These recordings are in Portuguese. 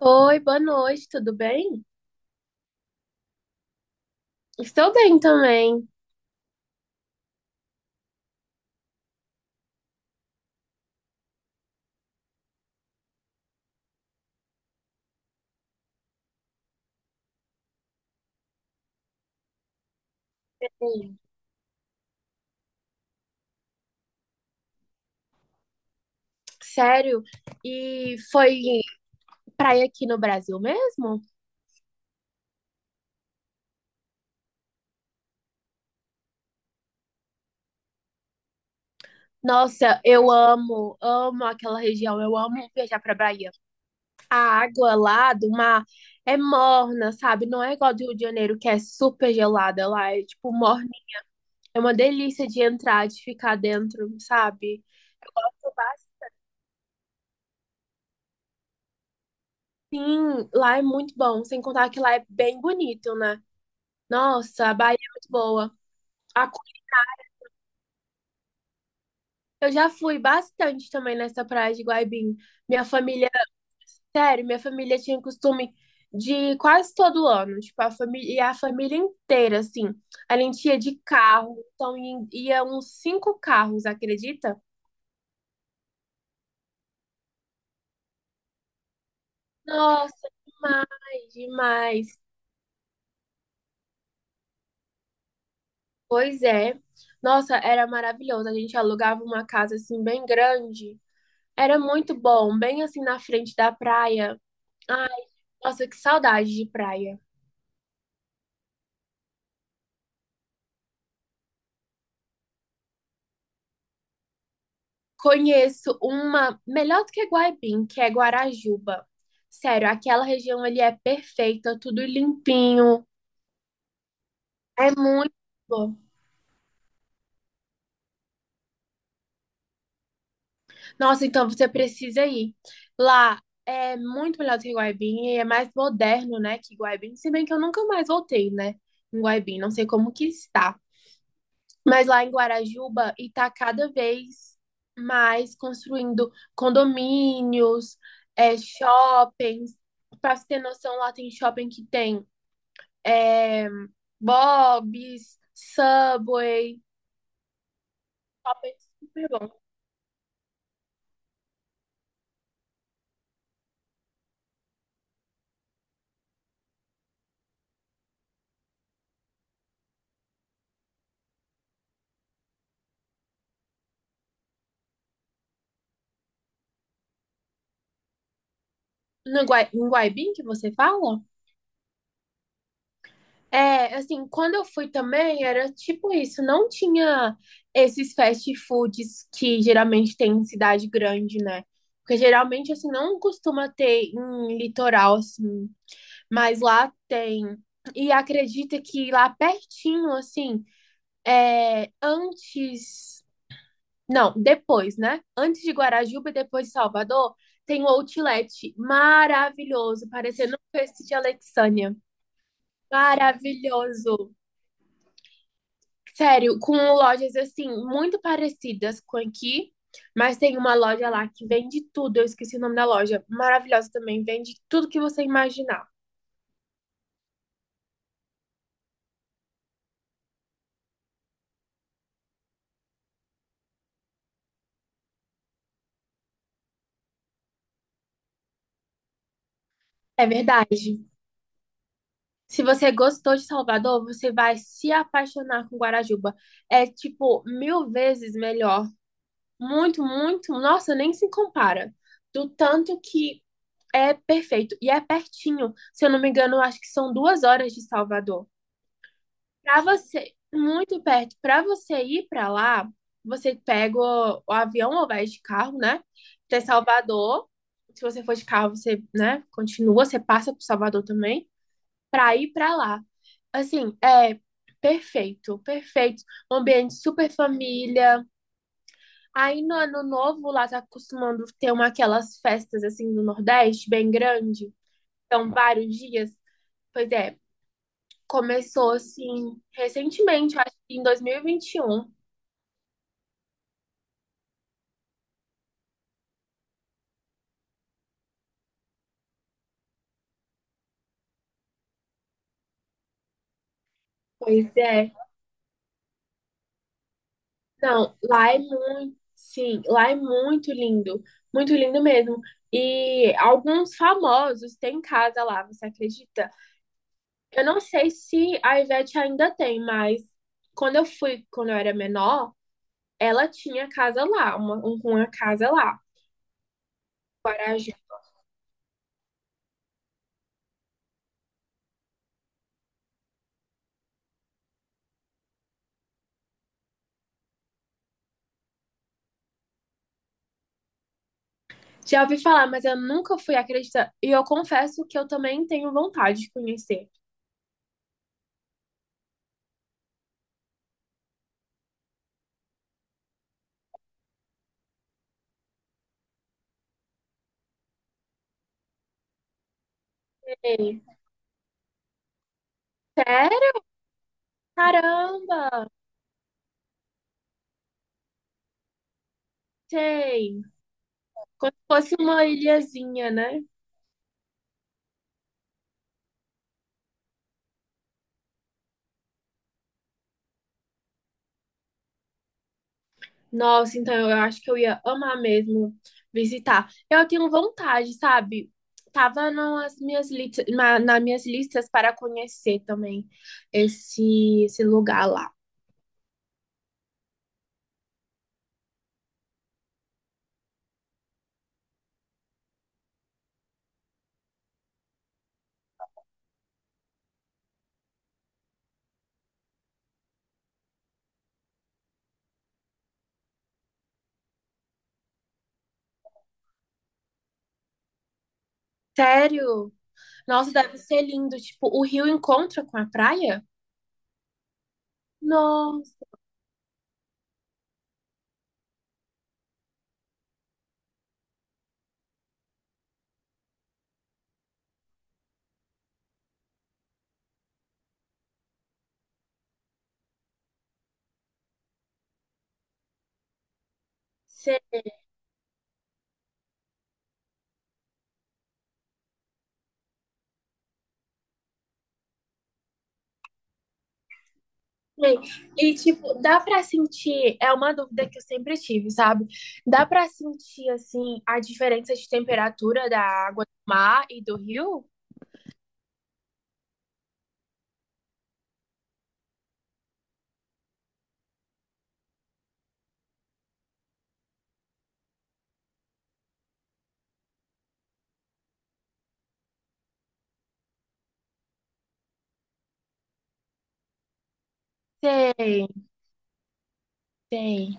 Oi, boa noite, tudo bem? Estou bem também. Hum. Sério? E foi praia aqui no Brasil mesmo? Nossa, eu amo, amo aquela região, eu amo viajar pra Bahia. A água lá do mar é morna, sabe? Não é igual do Rio de Janeiro, que é super gelada lá, é tipo morna. É uma delícia de entrar, de ficar dentro, sabe? Sim, lá é muito bom, sem contar que lá é bem bonito, né? Nossa, a Bahia é muito boa. A Eu já fui bastante também nessa praia de Guaibim. Minha família, sério, minha família tinha costume de ir quase todo ano, tipo, a família, e a família inteira, assim. A gente ia de carro, então ia uns cinco carros, acredita? Nossa, é demais. Pois é. Nossa, era maravilhoso. A gente alugava uma casa assim bem grande. Era muito bom, bem assim na frente da praia. Ai, nossa, que saudade de praia. Conheço uma melhor do que Guaibim, que é Guarajuba. Sério, aquela região ali é perfeita, tudo limpinho. É muito bom. Nossa, então você precisa ir. Lá é muito melhor do que Guaibim e é mais moderno, né, que Guaibim. Se bem que eu nunca mais voltei, né, em Guaibim. Não sei como que está. Mas lá em Guarajuba, e tá cada vez mais construindo condomínios, é, shoppings. Pra você ter noção, lá tem shopping que tem é, Bob's, Subway, shopping super bom. No Guai, em Guaibim que você fala? É, assim, quando eu fui também, era tipo isso, não tinha esses fast foods que geralmente tem em cidade grande, né? Porque geralmente, assim, não costuma ter em litoral, assim, mas lá tem. E acredita que lá pertinho, assim, é, antes. Não, depois, né? Antes de Guarajuba e depois de Salvador, tem um outlet maravilhoso, parecendo um peixe de Alexandria. Maravilhoso. Sério, com lojas assim, muito parecidas com aqui, mas tem uma loja lá que vende tudo. Eu esqueci o nome da loja. Maravilhosa também, vende tudo que você imaginar. É verdade. Se você gostou de Salvador, você vai se apaixonar com Guarajuba. É tipo mil vezes melhor. Muito, muito. Nossa, nem se compara. Do tanto que é perfeito. E é pertinho. Se eu não me engano, eu acho que são 2 horas de Salvador. Para você, muito perto, para você ir para lá, você pega o avião ou vai de carro, né? Até Salvador. Se você for de carro, você, né, continua, você passa por Salvador também, para ir para lá. Assim, é perfeito, perfeito. Um ambiente super família. Aí no ano novo lá tá acostumando ter uma aquelas festas assim do Nordeste, bem grande. Então, vários dias. Pois é, começou assim recentemente, acho que em 2021. Pois é. Não, lá é muito, sim, lá é muito lindo mesmo. E alguns famosos têm casa lá, você acredita? Eu não sei se a Ivete ainda tem, mas quando eu fui, quando eu era menor, ela tinha casa lá, uma casa lá, Guarajá. Já ouvi falar, mas eu nunca fui, acredita? E eu confesso que eu também tenho vontade de conhecer. Sei. Sério? Caramba! Sei. Como se fosse uma ilhazinha, né? Nossa, então eu acho que eu ia amar mesmo visitar. Eu tenho vontade, sabe? Tava nas minhas listas para conhecer também esse lugar lá. Sério? Nossa, deve ser lindo. Tipo, o rio encontra com a praia? Nossa. Sei. E, tipo, dá pra sentir, é uma dúvida que eu sempre tive, sabe? Dá pra sentir, assim, a diferença de temperatura da água do mar e do rio? Sei, sei.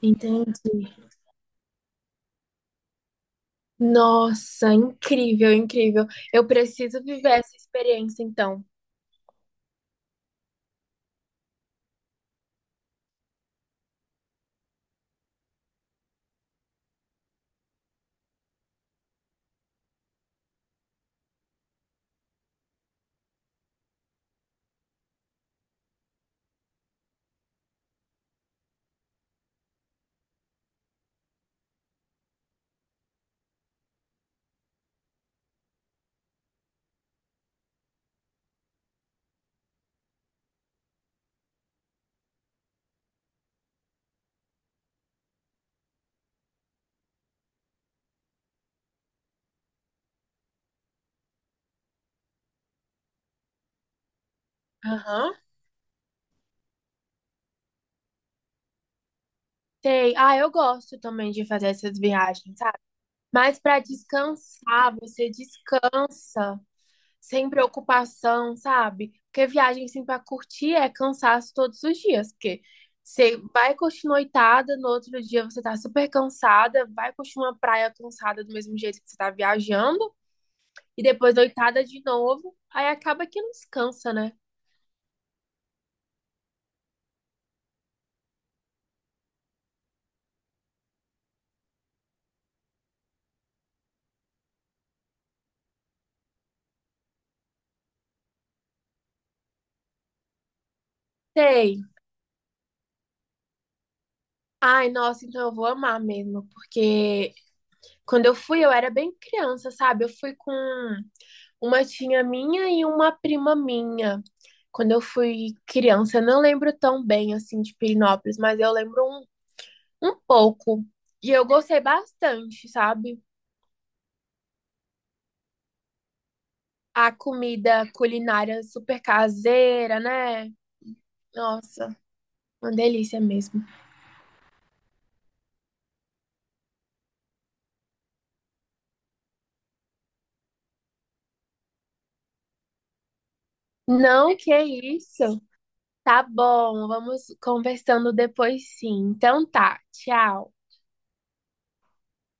Entendi. Nossa, incrível, incrível. Eu preciso viver essa experiência, então. Aham. Sei. Ah, eu gosto também de fazer essas viagens, sabe? Mas para descansar, você descansa sem preocupação, sabe? Porque viagem assim para curtir é cansaço todos os dias, porque você vai curtir noitada, no outro dia você tá super cansada, vai curtir uma praia cansada do mesmo jeito que você tá viajando. E depois noitada de novo, aí acaba que não descansa, né? Sei. Ai, nossa, então eu vou amar mesmo, porque quando eu fui, eu era bem criança, sabe? Eu fui com uma tia minha e uma prima minha. Quando eu fui criança, eu não lembro tão bem assim de Pirinópolis, mas eu lembro um pouco. E eu gostei bastante, sabe? A comida culinária super caseira, né? Nossa, uma delícia mesmo. Não, que isso. Tá bom, vamos conversando depois sim. Então tá, tchau.